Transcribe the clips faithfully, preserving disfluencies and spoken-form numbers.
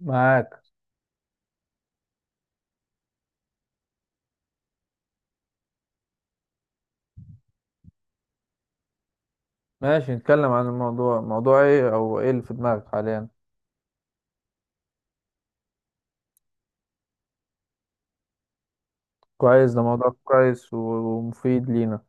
معاك. ماشي، نتكلم عن الموضوع. موضوع ايه او ايه اللي في دماغك حاليا؟ كويس، ده موضوع كويس و- ومفيد لينا.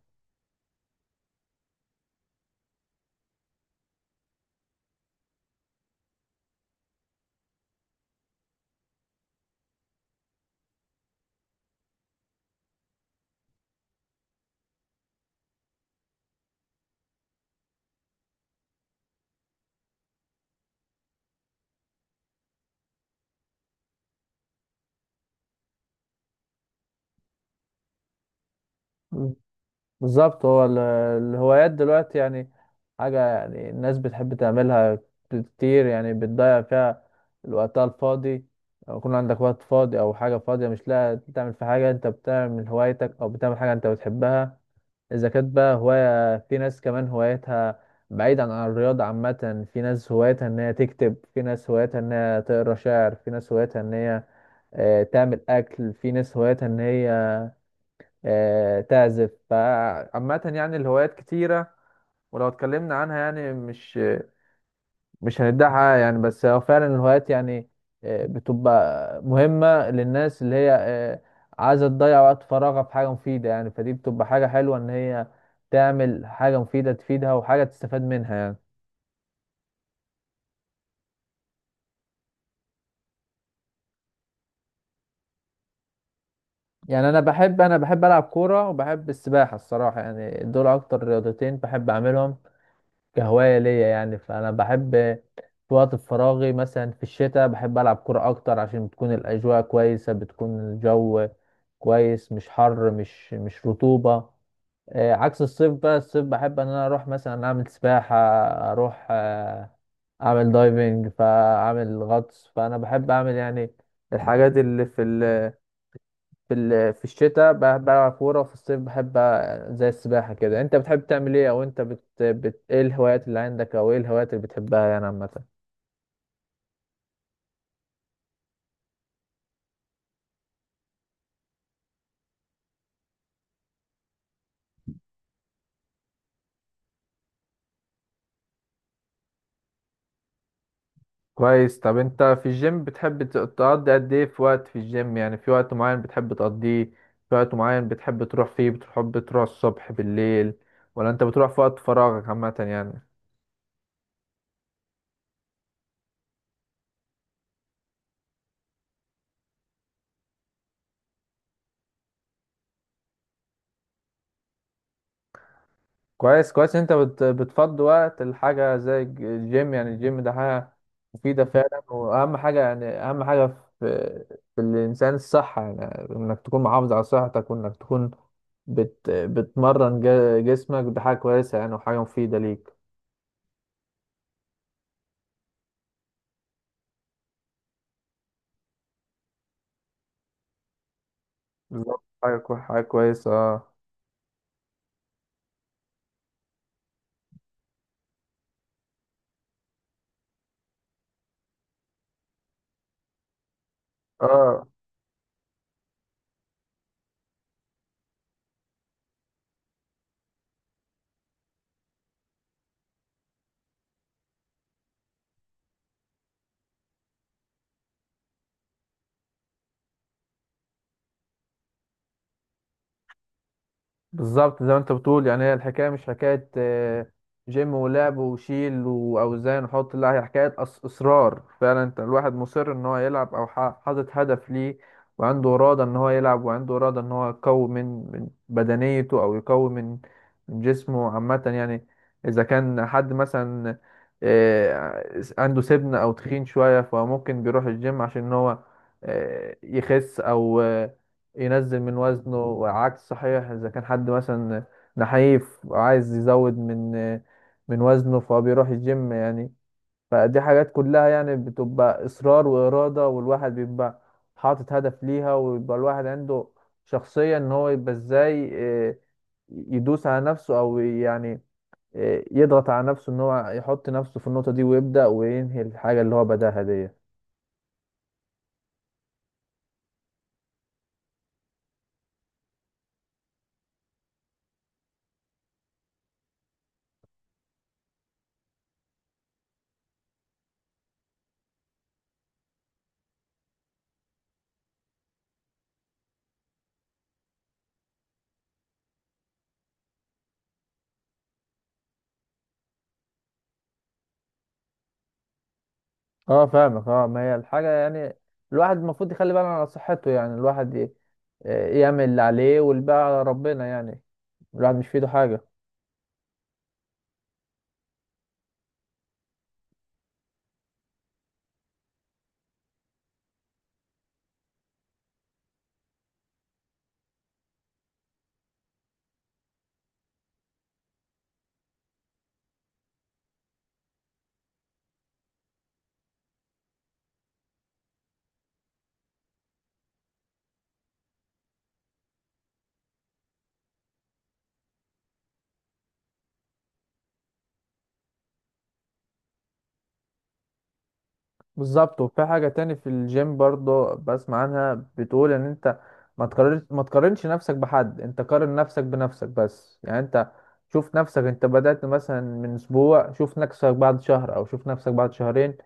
مم. بالظبط. هو ال- الهوايات دلوقتي يعني حاجة يعني الناس بتحب تعملها كتير، يعني بتضيع فيها الوقت الفاضي. لو يكون عندك وقت فاضي أو حاجة فاضية مش لاقي تعمل في حاجة، أنت بتعمل هوايتك أو بتعمل حاجة أنت بتحبها. إذا كانت بقى هواية، في ناس كمان هوايتها بعيدا عن الرياضة عامة. في ناس هوايتها إن هي تكتب، في ناس هوايتها إن هي تقرا شعر، في ناس هوايتها إن هي آه، تعمل أكل، في ناس هوايتها إن هي آه، تعزف. فعامة يعني الهوايات كتيرة، ولو اتكلمنا عنها يعني مش مش هنديها حقها يعني. بس هو فعلا الهوايات يعني آه، بتبقى مهمة للناس اللي هي آه، عايزة تضيع وقت فراغها في حاجة مفيدة. يعني فدي بتبقى حاجة حلوة إن هي تعمل حاجة مفيدة تفيدها وحاجة تستفاد منها يعني. يعني أنا بحب أنا بحب ألعب كورة وبحب السباحة الصراحة يعني، دول أكتر رياضتين بحب أعملهم كهواية ليا يعني. فأنا بحب في وقت فراغي مثلا في الشتاء بحب ألعب كرة أكتر عشان بتكون الأجواء كويسة، بتكون الجو كويس، مش حر، مش مش رطوبة. آه، عكس الصيف بقى، الصيف بحب إن أنا أروح مثلا أعمل سباحة، أروح آه، أعمل دايفنج، فأعمل غطس. فأنا بحب أعمل يعني الحاجات اللي في في ال- في الشتاء بح- بلعب كورة، وفي الصيف بحب أ- زي السباحة كده. انت بتحب تعمل ايه؟ او انت بت... بت... ايه الهوايات اللي عندك، او ايه الهوايات اللي بتحبها يعني عامة؟ كويس. طب انت في الجيم بتحب ت- تقضي قد ايه في وقت في الجيم؟ يعني في وقت معين بتحب تقضيه، في وقت معين بتحب تروح فيه؟ بتحب تروح الصبح بالليل، ولا انت بتروح في وقت فراغك عامة يعني؟ كويس كويس. انت بت بتفضي وقت الحاجة زي الج- الجيم. يعني الجيم ده حاجة مفيدة فعلا، واهم حاجة يعني، اهم حاجة في في الانسان الصحة. يعني انك تكون محافظ على صحتك، وانك تكون بت بتمرن ج- جسمك، ده حاجة كويسة يعني وحاجة مفيدة ليك. بالظبط، حاجة كوي- حاجة كويسة، اه. اه بالظبط. زي ما انت بتقول يعني، هي الحكايه مش حكايه آه، جيم ولعب وشيل واوزان وحط، لا، هي حكايه أص- اصرار فعلا. انت الواحد مصر ان هو يلعب، او ح- حاطط هدف ليه، وعنده اراده ان هو يلعب، وعنده اراده ان هو يقوي من من بدنيته، او يقوي من من جسمه عامه يعني. اذا كان حد مثلا آه، عنده سمنه او تخين شويه، فممكن بيروح الجيم عشان ان هو آه، يخس، او آه، ينزل من وزنه. وعكس صحيح، اذا كان حد مثلا نحيف وعايز يزود من من وزنه، فهو بيروح الجيم يعني. فدي حاجات كلها يعني بتبقى اصرار وارادة، والواحد بيبقى حاطط هدف ليها، ويبقى الواحد عنده شخصية ان هو يبقى ازاي آه، يدوس على نفسه، او يعني آه، يضغط على نفسه ان هو يحط نفسه في النقطة دي، ويبدأ وينهي الحاجة اللي هو بداها دي. اه فاهمك، اه. ما هي الحاجة يعني الواحد المفروض يخلي باله على صحته. يعني الواحد ي- يعمل اللي عليه والباقي على ربنا يعني، الواحد مش في ايده حاجة. بالظبط. وفي حاجة تاني في الجيم برضو بسمع عنها، بتقول ان انت ما تقارنش ما تقارنش نفسك بحد، انت قارن نفسك بنفسك بس. يعني انت شوف نفسك، انت بدأت مثلا من اسبوع، شوف نفسك بعد شهر، او شوف نفسك بعد شهرين،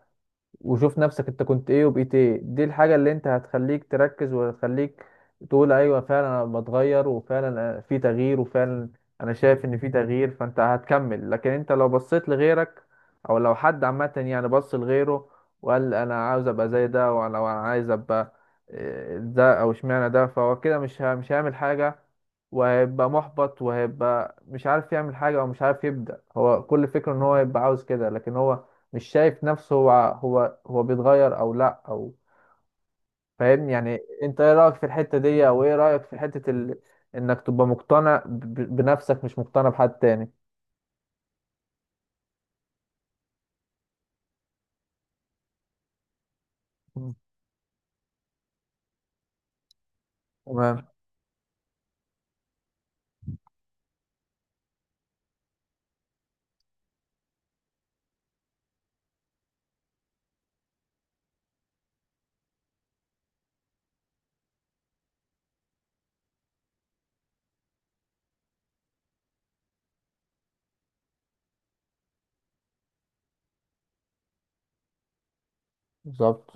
وشوف نفسك انت كنت ايه وبقيت ايه. دي الحاجة اللي انت هتخليك تركز، وهتخليك تقول ايوه فعلا انا بتغير، وفعلا في تغيير، وفعلا انا شايف ان في تغيير، فانت هتكمل. لكن انت لو بصيت لغيرك، او لو حد عامة يعني بص لغيره، وقال انا عاوز ابقى زي ده، وانا لو انا عايز ابقى اه، ده، او اشمعنى ده، فهو كده مش ه- مش هيعمل حاجة، وهيبقى محبط، وهيبقى مش عارف يعمل حاجة، او مش عارف يبدأ. هو كل فكرة ان هو يبقى عاوز كده، لكن هو مش شايف نفسه هو هو هو بيتغير او لا، او فاهم يعني. انت ايه رايك في الحته دي؟ او ايه رايك في حته ال... انك تبقى مقتنع ب... ب- بنفسك مش مقتنع بحد تاني؟ مم. تمام. بالظبط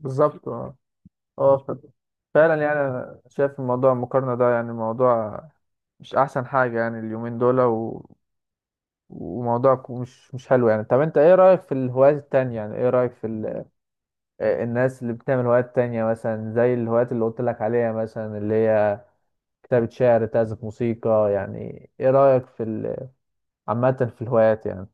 بالظبط، اه. آه، ف- فعلا يعني انا شايف الموضوع المقارنه ده يعني موضوع مش احسن حاجه يعني اليومين دول و... وموضوع ك- مش مش حلو يعني. طب انت ايه رايك في الهوايات التانية؟ يعني ايه رايك في ال... آه، الناس اللي بتعمل هوايات تانية، مثلا زي الهوايات اللي قلت لك عليها مثلا، اللي هي كتابة شعر، تعزف موسيقى. يعني ايه رأيك في ال- عامة في الهوايات يعني؟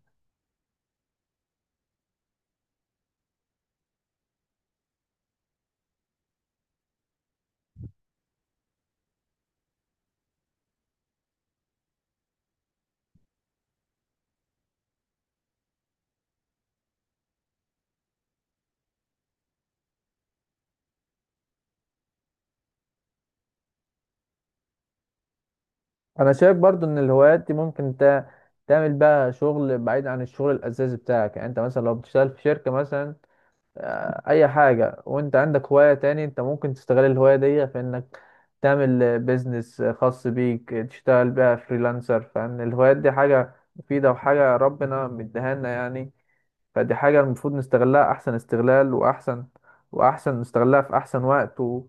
انا شايف برضو ان الهوايات دي ممكن تا- تعمل بقى شغل بعيد عن الشغل الاساسي بتاعك. يعني انت مثلا لو بتشتغل في شركة مثلا آه، اي حاجة، وانت عندك هواية تاني، انت ممكن تستغل الهواية دي في انك تعمل بيزنس خاص بيك، تشتغل بقى فريلانسر. فان الهوايات دي حاجة مفيدة وحاجة ربنا مديها لنا يعني. فدي حاجة المفروض نستغلها أحسن استغلال، وأحسن وأحسن نستغلها في أحسن وقت و...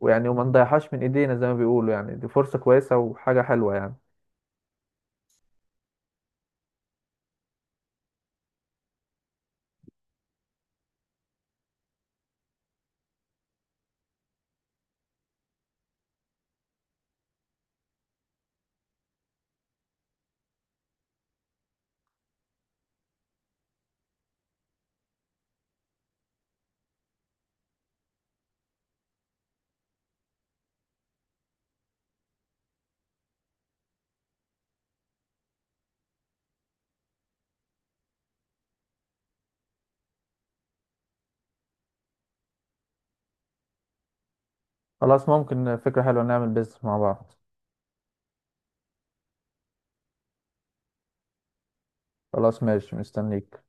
ويعني وما نضيعهاش من إيدينا زي ما بيقولوا يعني. دي فرصة كويسة وحاجة حلوة يعني. خلاص، ممكن، فكرة حلوة، نعمل بيزنس مع بعض. خلاص، ماشي، مستنيك.